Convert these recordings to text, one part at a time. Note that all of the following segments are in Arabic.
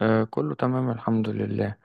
آه، كله تمام، الحمد لله.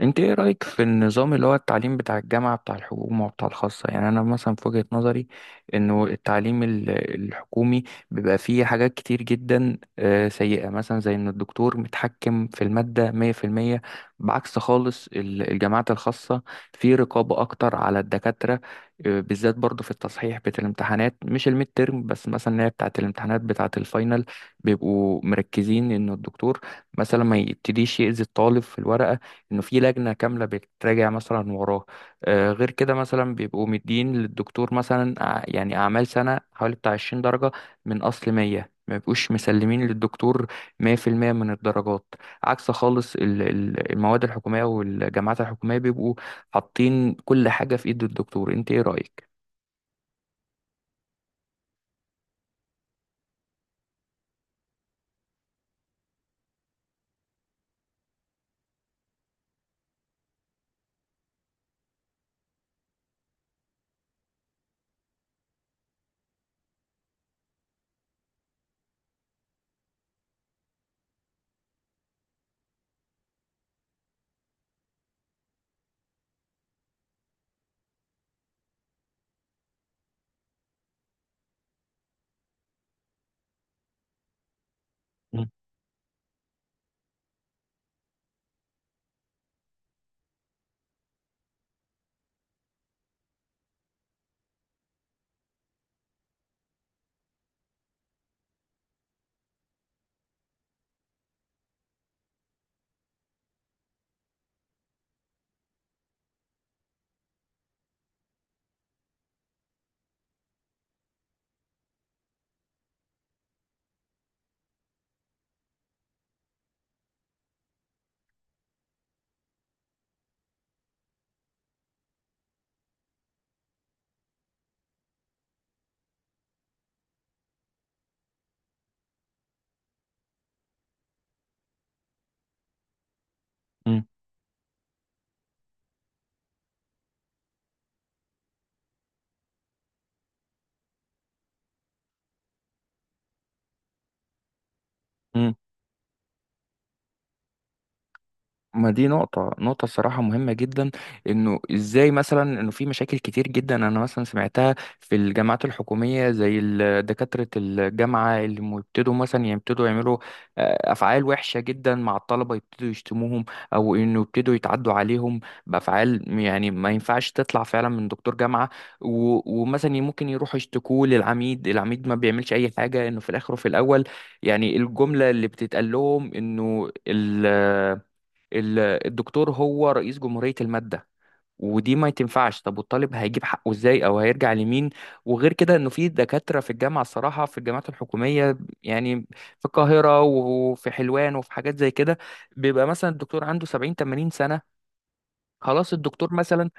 انت ايه رأيك في النظام اللي هو التعليم بتاع الجامعة بتاع الحكومة وبتاع الخاصة؟ يعني انا مثلا في وجهة نظري انه التعليم الحكومي بيبقى فيه حاجات كتير جدا سيئة، مثلا زي ان الدكتور متحكم في المادة 100%، بعكس خالص الجامعات الخاصة. في رقابة اكتر على الدكاترة، بالذات برضو في التصحيح بتاع الامتحانات، مش الميد تيرم بس، مثلا اللي هي بتاعة الامتحانات بتاعة الفاينل. بيبقوا مركزين ان الدكتور مثلا ما يبتديش يأذي الطالب في الورقة، انه في لجنه كامله بتراجع مثلا وراه. غير كده، مثلا بيبقوا مدين للدكتور مثلا يعني اعمال سنه حوالي بتاع 20 درجه، من اصل 100، ما بيبقوش مسلمين للدكتور 100% من الدرجات. عكس خالص المواد الحكوميه والجامعات الحكوميه، بيبقوا حاطين كل حاجه في ايد الدكتور. انت ايه رايك؟ مم. مم. ما دي نقطة الصراحة مهمة جدا، انه ازاي مثلا انه في مشاكل كتير جدا انا مثلا سمعتها في الجامعات الحكومية، زي دكاترة الجامعة اللي بيبتدوا مثلا يعني يبتدوا يعملوا افعال وحشة جدا مع الطلبة. يبتدوا يشتموهم او انه يبتدوا يتعدوا عليهم بافعال، يعني ما ينفعش تطلع فعلا من دكتور جامعة. و- ومثلا ممكن يروحوا يشتكوه للعميد، العميد ما بيعملش اي حاجة، انه في الاخر وفي الاول يعني الجملة اللي بتتقال لهم انه ال- الدكتور هو رئيس جمهورية المادة، ودي ما تنفعش. طب والطالب هيجيب حقه ازاي او هيرجع لمين؟ وغير كده انه في دكاترة في الجامعة، الصراحة في الجامعات الحكومية، يعني في القاهرة وفي حلوان وفي حاجات زي كده، بيبقى مثلا الدكتور عنده 70 80 سنة. خلاص الدكتور مثلا.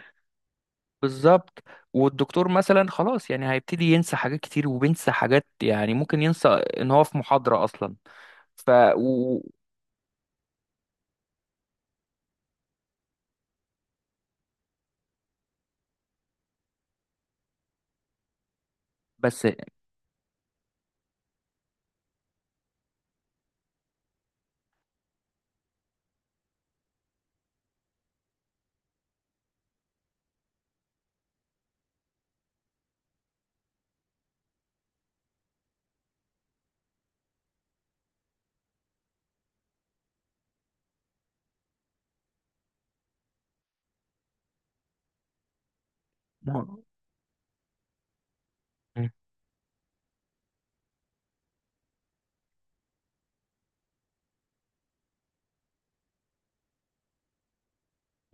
بالظبط. والدكتور مثلا خلاص، يعني هيبتدي ينسى حاجات كتير وبينسى حاجات، يعني ممكن ينسى ان هو في محاضرة اصلا. ف و... بس.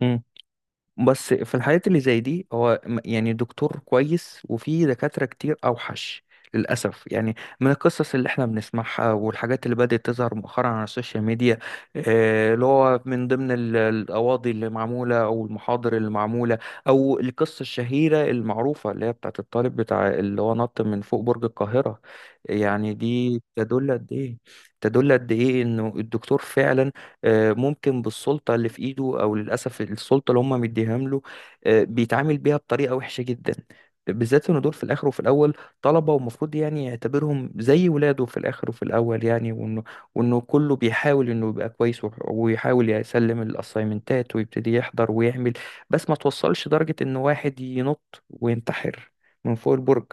مم. بس في الحالات اللي زي دي هو يعني دكتور كويس، وفي دكاترة كتير أوحش، للأسف يعني، من القصص اللي احنا بنسمعها والحاجات اللي بدأت تظهر مؤخرا على السوشيال ميديا. اللي هو من ضمن القواضي اللي معمولة أو المحاضر اللي معمولة، أو القصة الشهيرة المعروفة اللي هي بتاعت الطالب بتاع اللي هو نط من فوق برج القاهرة. يعني دي تدل قد إيه، إنه الدكتور فعلا، ممكن بالسلطة اللي في إيده أو للأسف السلطة اللي هم مديهام له، بيتعامل بيها بطريقة وحشة جدا، بالذات إن دول في الآخر وفي الأول طلبة، ومفروض يعني يعتبرهم زي ولاده في الآخر وفي الأول. يعني وإنه كله بيحاول إنه يبقى كويس وح- ويحاول يسلم الأسايمنتات ويبتدي يحضر ويعمل، بس ما توصلش درجة إن واحد ينط وينتحر من فوق البرج.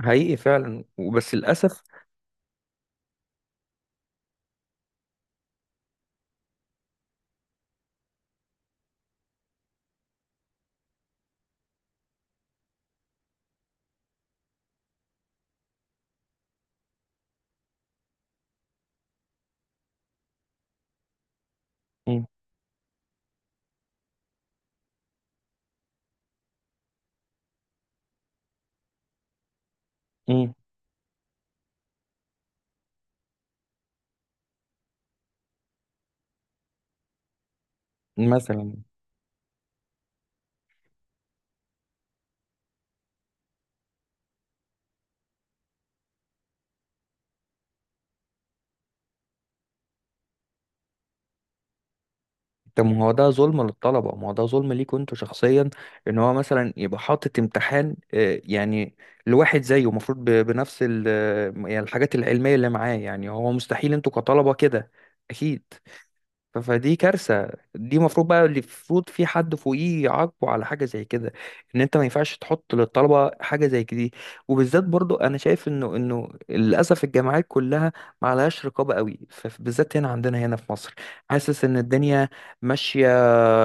حقيقي فعلا، وبس للأسف. مم. مم. مثلا، طب ما هو ده ظلم للطلبة، ما هو ده ظلم ليك انتوا شخصيا، ان هو مثلا يبقى حاطط امتحان يعني لواحد زيه، المفروض بنفس يعني الحاجات العلمية اللي معاه، يعني هو مستحيل انتوا كطلبة كده. اكيد. ف- فدي كارثة. دي المفروض بقى، اللي المفروض في حد فوقيه يعاقبه على حاجة زي كده، ان انت ما ينفعش تحط للطلبة حاجة زي دي. وبالذات برضو انا شايف انه للاسف الجامعات كلها ما عليهاش رقابة قوي، فبالذات هنا عندنا هنا في مصر، حاسس ان الدنيا ماشية،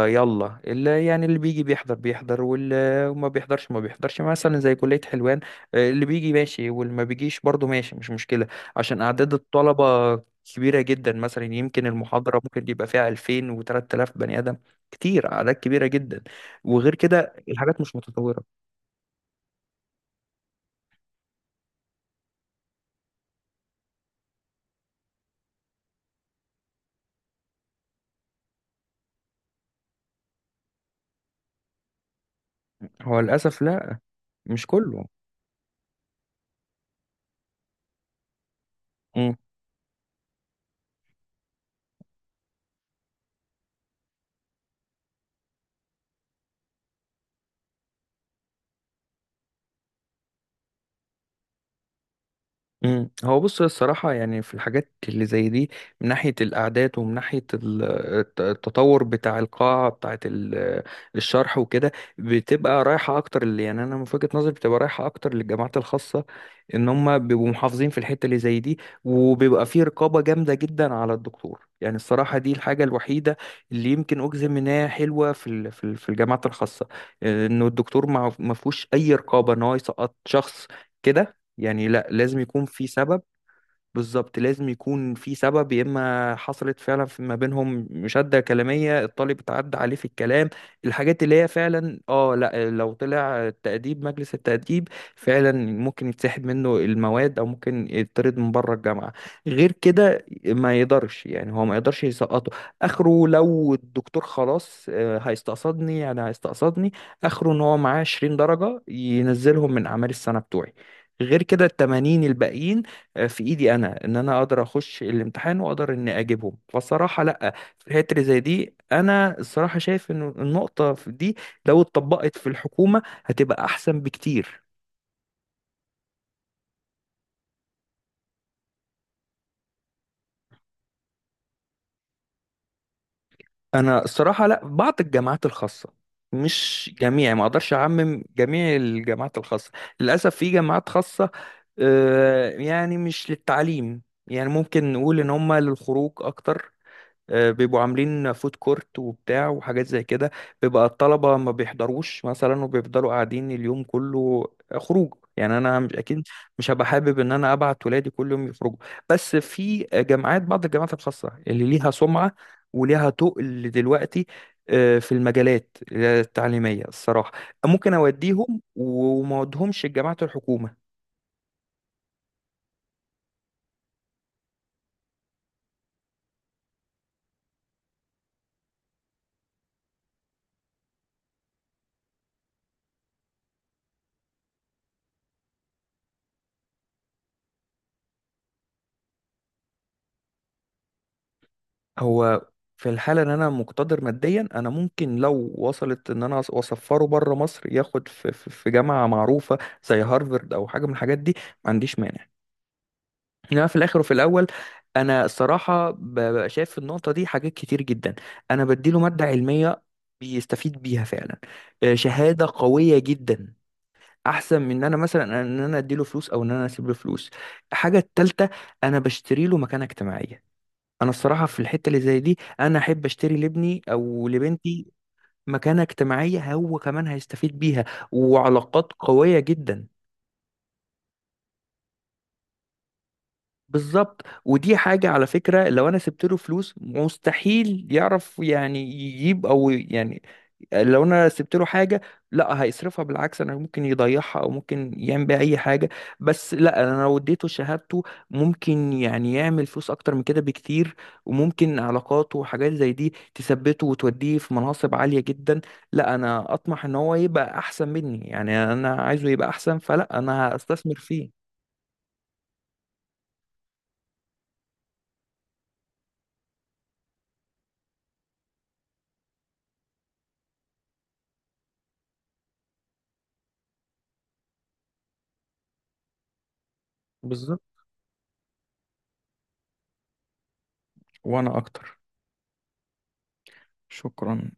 يلا اللي يعني اللي بيجي بيحضر بيحضر واللي ما بيحضرش ما بيحضرش، مثلا زي كلية حلوان، اللي بيجي ماشي واللي ما بيجيش برضه ماشي، مش مشكلة، عشان أعداد الطلبة كبيرة جدا. مثلا يمكن المحاضرة ممكن يبقى فيها 2000 و3000 بني آدم، كتير أعداد كبيرة جدا. وغير كده الحاجات مش متطورة. هو للأسف لا، مش كله. إمم. مم. هو بص الصراحة يعني في الحاجات اللي زي دي، من ناحية الأعداد ومن ناحية التطور بتاع القاعة بتاعة الشرح وكده، بتبقى رايحة أكتر، اللي يعني أنا من وجهة نظري بتبقى رايحة أكتر للجامعات الخاصة، إن هم بيبقوا محافظين في الحتة اللي زي دي، وبيبقى فيه رقابة جامدة جدا على الدكتور. يعني الصراحة دي الحاجة الوحيدة اللي يمكن أجزم إنها حلوة في الجامعات الخاصة، إنه الدكتور ما فيهوش أي رقابة إن هو يسقط شخص كده. يعني لا، لازم يكون في سبب. بالظبط، لازم يكون في سبب، يا اما حصلت فعلا في ما بينهم مشادة كلامية، الطالب اتعدى عليه في الكلام، الحاجات اللي هي فعلا، لا، لو طلع التأديب، مجلس التأديب فعلا ممكن يتسحب منه المواد او ممكن يطرد من بره الجامعة. غير كده ما يقدرش، يعني هو ما يقدرش يسقطه. اخره لو الدكتور خلاص هيستقصدني، يعني هيستقصدني، اخره ان هو معاه 20 درجة ينزلهم من اعمال السنة بتوعي. غير كده التمانين الباقيين في ايدي انا، ان انا اقدر اخش الامتحان واقدر اني اجيبهم. فالصراحه لا، في الحته اللي زي دي انا الصراحه شايف ان النقطه في دي لو اتطبقت في الحكومه هتبقى احسن بكتير. انا الصراحه لا، بعض الجامعات الخاصه، مش جميع، ما اقدرش اعمم جميع الجامعات الخاصه. للاسف في جامعات خاصه يعني مش للتعليم، يعني ممكن نقول ان هم للخروج اكتر. بيبقوا عاملين فود كورت وبتاع وحاجات زي كده، بيبقى الطلبة ما بيحضروش مثلا وبيفضلوا قاعدين اليوم كله، خروج يعني. انا مش اكيد، مش هبقى حابب ان انا ابعت ولادي كل يوم يخرجوا. بس في جامعات بعض الجامعات الخاصة اللي ليها سمعة وليها تقل دلوقتي في المجالات التعليمية، الصراحة ممكن أوديهم، وما أوديهمش الجامعات الحكومة. هو في الحالة ان انا مقتدر ماديا، انا ممكن لو وصلت ان انا اسفره بره مصر ياخد في جامعة معروفة زي هارفرد او حاجة من الحاجات دي، ما عنديش مانع. انما في الاخر وفي الاول، انا الصراحة ببقى شايف في النقطة دي حاجات كتير جدا، انا بديله مادة علمية بيستفيد بيها فعلا، شهادة قوية جدا، احسن من ان انا مثلا ان انا اديله فلوس او ان انا اسيب له فلوس. الحاجة التالتة، انا بشتري له مكانة اجتماعية. انا الصراحه في الحته اللي زي دي انا احب اشتري لابني او لبنتي مكانه اجتماعيه هو كمان هيستفيد بيها، وعلاقات قويه جدا. بالظبط، ودي حاجه على فكره، لو انا سبت له فلوس مستحيل يعرف يعني يجيب او يعني، لو انا سبت له حاجه لا هيصرفها، بالعكس انا ممكن يضيعها او ممكن يعمل بيها اي حاجه، بس لا انا لو اديته شهادته، ممكن يعني يعمل فلوس اكتر من كده بكتير، وممكن علاقاته وحاجات زي دي تثبته وتوديه في مناصب عاليه جدا. لا، انا اطمح ان هو يبقى احسن مني، يعني انا عايزه يبقى احسن، فلا انا هستثمر فيه. بالظبط، وانا اكتر. شكرا.